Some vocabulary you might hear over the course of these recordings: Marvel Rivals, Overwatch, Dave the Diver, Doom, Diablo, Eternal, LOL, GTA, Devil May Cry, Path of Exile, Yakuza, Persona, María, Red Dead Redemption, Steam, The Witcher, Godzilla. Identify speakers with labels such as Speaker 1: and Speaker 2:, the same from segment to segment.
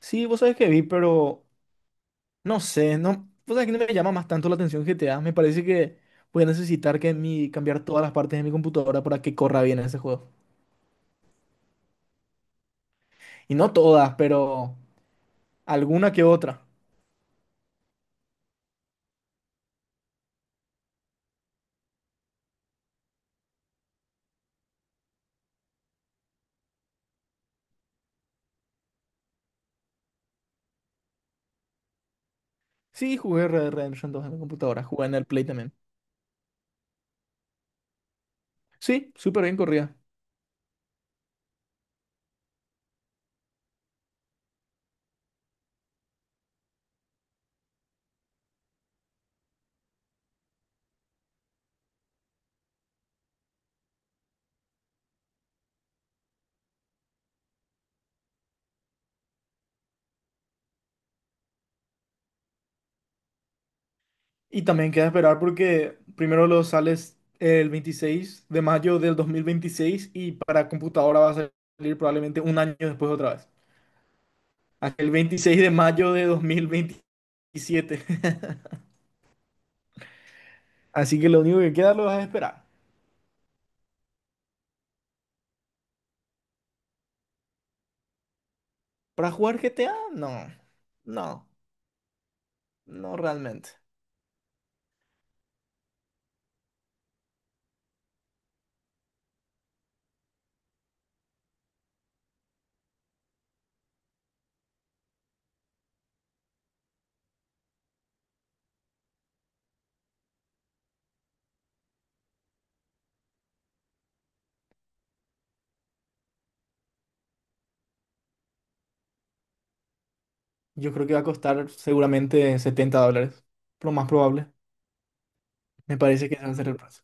Speaker 1: Sí, vos sabés que vi, pero no sé, no, vos sabés que no me llama más tanto la atención GTA. Me parece que voy a necesitar que cambiar todas las partes de mi computadora para que corra bien ese juego. Y no todas, pero alguna que otra. Sí, jugué Red Dead Redemption dos en mi computadora, jugué en el Play también. Sí, súper bien corría. Y también queda esperar porque primero lo sales el 26 de mayo del 2026 y para computadora va a salir probablemente un año después otra vez. Hasta el 26 de mayo de dos mil veintisiete. Así que lo único que queda lo es esperar. ¿Para jugar GTA? No, no, no realmente. Yo creo que va a costar seguramente setenta dólares. Lo más probable. Me parece que ese va a ser el precio.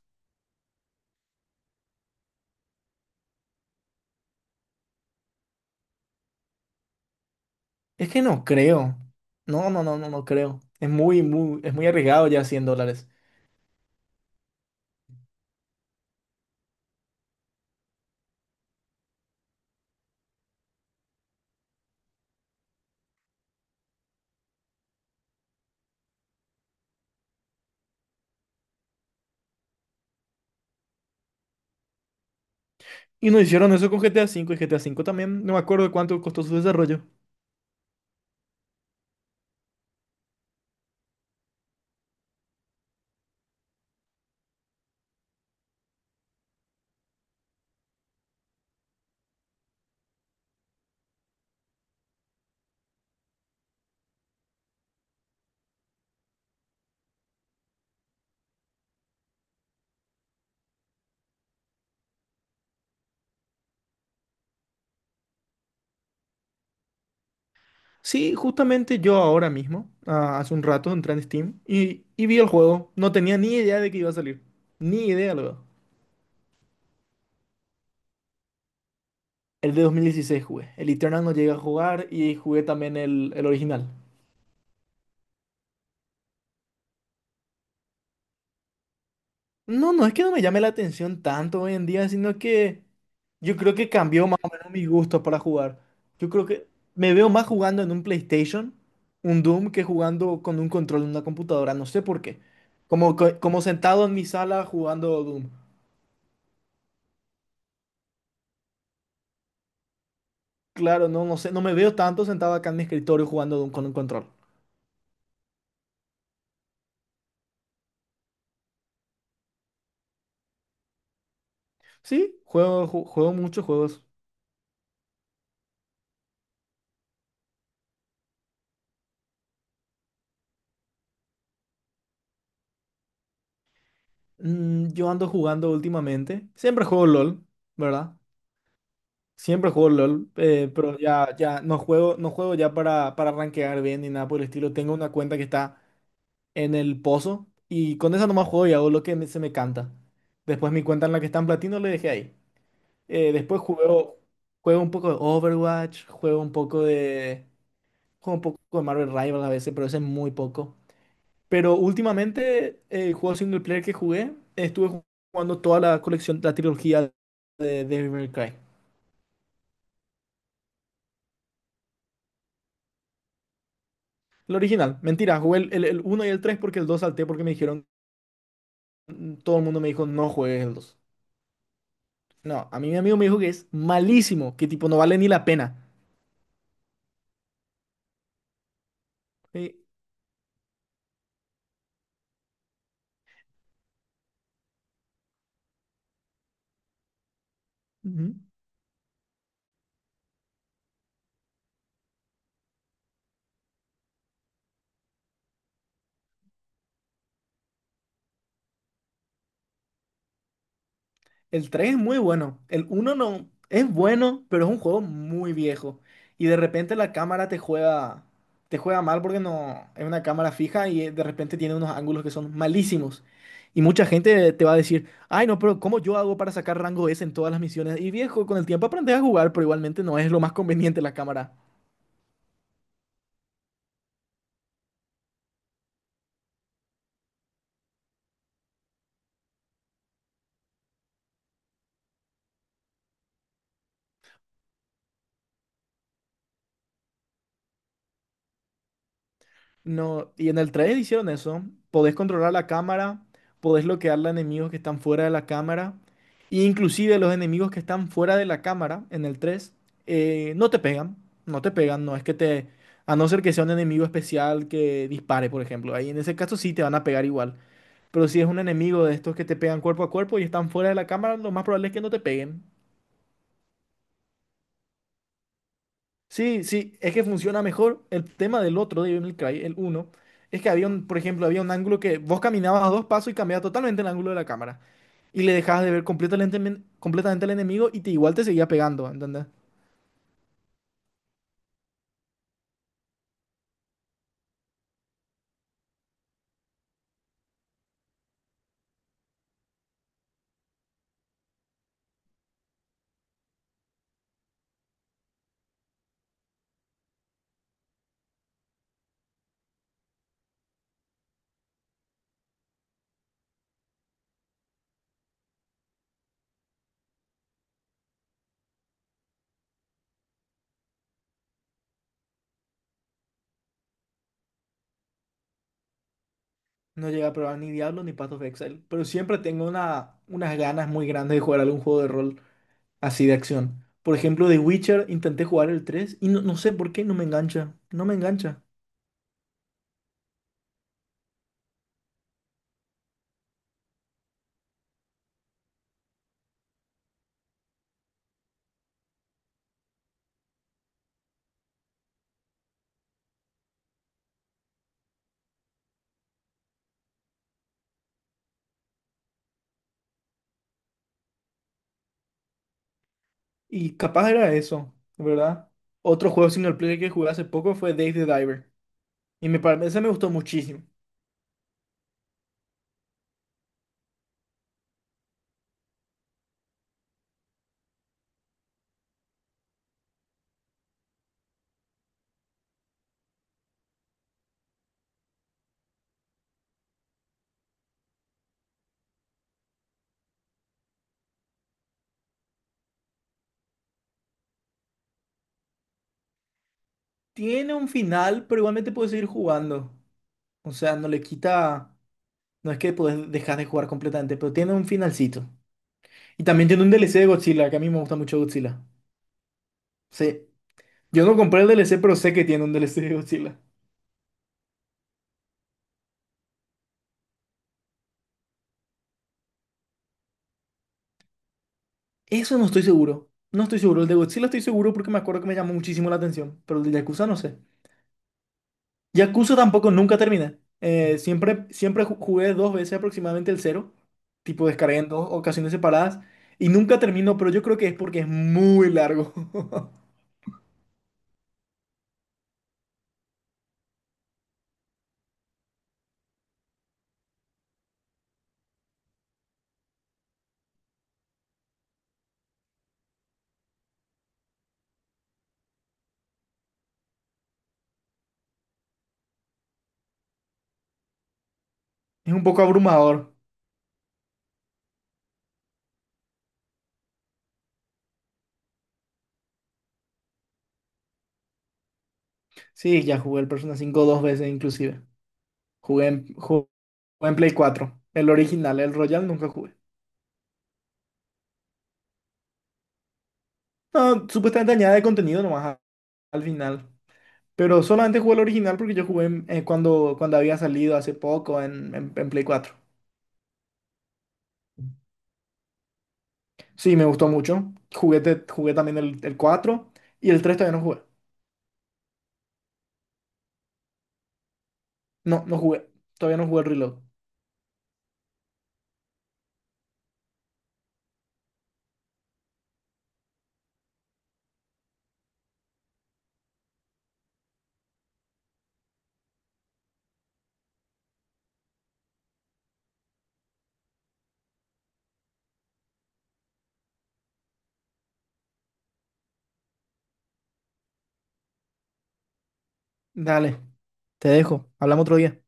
Speaker 1: Es que no creo. No, no, no, no, no creo. Es muy, muy, es muy arriesgado ya 100 dólares. Y no hicieron eso con GTA cinco y GTA cinco también. No me acuerdo cuánto costó su desarrollo. Sí, justamente yo ahora mismo, hace un rato, entré en Steam y vi el juego. No tenía ni idea de que iba a salir. Ni idea, luego. El de 2016 jugué. El Eternal no llegué a jugar y jugué también el original. No, no es que no me llame la atención tanto hoy en día, sino que yo creo que cambió más o menos mis gustos para jugar. Yo creo que me veo más jugando en un PlayStation, un Doom, que jugando con un control en una computadora. No sé por qué. Como sentado en mi sala jugando Doom. Claro, no, no sé, no me veo tanto sentado acá en mi escritorio jugando de con un control. Sí, juego muchos juegos. Mm, yo ando jugando últimamente. Siempre juego LOL, ¿verdad? Siempre juego LOL, pero ya no juego, no juego ya para rankear bien ni nada por el estilo. Tengo una cuenta que está en el pozo y con esa nomás juego y hago lo que se me canta. Después mi cuenta en la que está en platino le dejé ahí. Después juego, juego un poco de Overwatch, juego un poco de... juego un poco de Marvel Rivals a veces, pero ese es muy poco. Pero últimamente el juego single player que jugué, estuve jugando toda la colección, la trilogía de Devil May Cry. El original, mentira, jugué el 1 y el 3 porque el 2 salté porque me dijeron, todo el mundo me dijo, no juegues el dos. No, a mí mi amigo me dijo que es malísimo, que tipo no vale ni la pena. Sí. Ujú. El 3 es muy bueno. El uno no es bueno, pero es un juego muy viejo. Y de repente la cámara te juega mal porque no es una cámara fija y de repente tiene unos ángulos que son malísimos. Y mucha gente te va a decir, ay no, pero ¿cómo yo hago para sacar rango S en todas las misiones? Y viejo, con el tiempo aprendes a jugar, pero igualmente no es lo más conveniente la cámara. No, y en el 3 hicieron eso. Podés controlar la cámara, podés bloquear a enemigos que están fuera de la cámara. E inclusive los enemigos que están fuera de la cámara en el 3 no te pegan. No te pegan, no es que te... A no ser que sea un enemigo especial que dispare, por ejemplo. Ahí en ese caso sí te van a pegar igual. Pero si es un enemigo de estos que te pegan cuerpo a cuerpo y están fuera de la cámara, lo más probable es que no te peguen. Sí, sí, es que funciona mejor. El tema del otro, de Devil May Cry, el uno es que había un, por ejemplo, había un ángulo que vos caminabas a dos pasos y cambiaba totalmente el ángulo de la cámara. Y le dejabas de ver completamente, completamente al enemigo y te igual te seguía pegando, ¿entendés? No llegué a probar ni Diablo ni Path of Exile, pero siempre tengo unas ganas muy grandes de jugar algún juego de rol así de acción. Por ejemplo, The Witcher, intenté jugar el 3 y no, no sé por qué no me engancha, no me engancha. Y capaz era eso, ¿verdad? Otro juego single player que jugué hace poco fue Dave the Diver. Y ese me gustó muchísimo. Tiene un final, pero igualmente puedes seguir jugando. O sea, no le quita. No es que puedes dejar de jugar completamente, pero tiene un finalcito. Y también tiene un DLC de Godzilla, que a mí me gusta mucho Godzilla. Sí. Yo no compré el DLC, pero sé que tiene un DLC de Godzilla. Eso no estoy seguro. No estoy seguro. El de Godzilla estoy seguro porque me acuerdo que me llamó muchísimo la atención. Pero el de Yakuza no sé. Yakuza tampoco nunca termina. Siempre, jugué dos veces aproximadamente el cero, tipo descargué en dos ocasiones separadas y nunca termino, pero yo creo que es porque es muy largo. Es un poco abrumador. Sí, ya jugué el Persona cinco dos veces inclusive. Jugué en, ju- Jugué en Play 4 el original, el Royal nunca jugué. No, supuestamente añade contenido nomás al final, pero solamente jugué el original porque yo jugué cuando había salido hace poco en Play cuatro. Sí, me gustó mucho. Jugué también el 4 y el 3 todavía no jugué. No, no jugué. Todavía no jugué el Reload. Dale, te dejo. Hablamos otro día.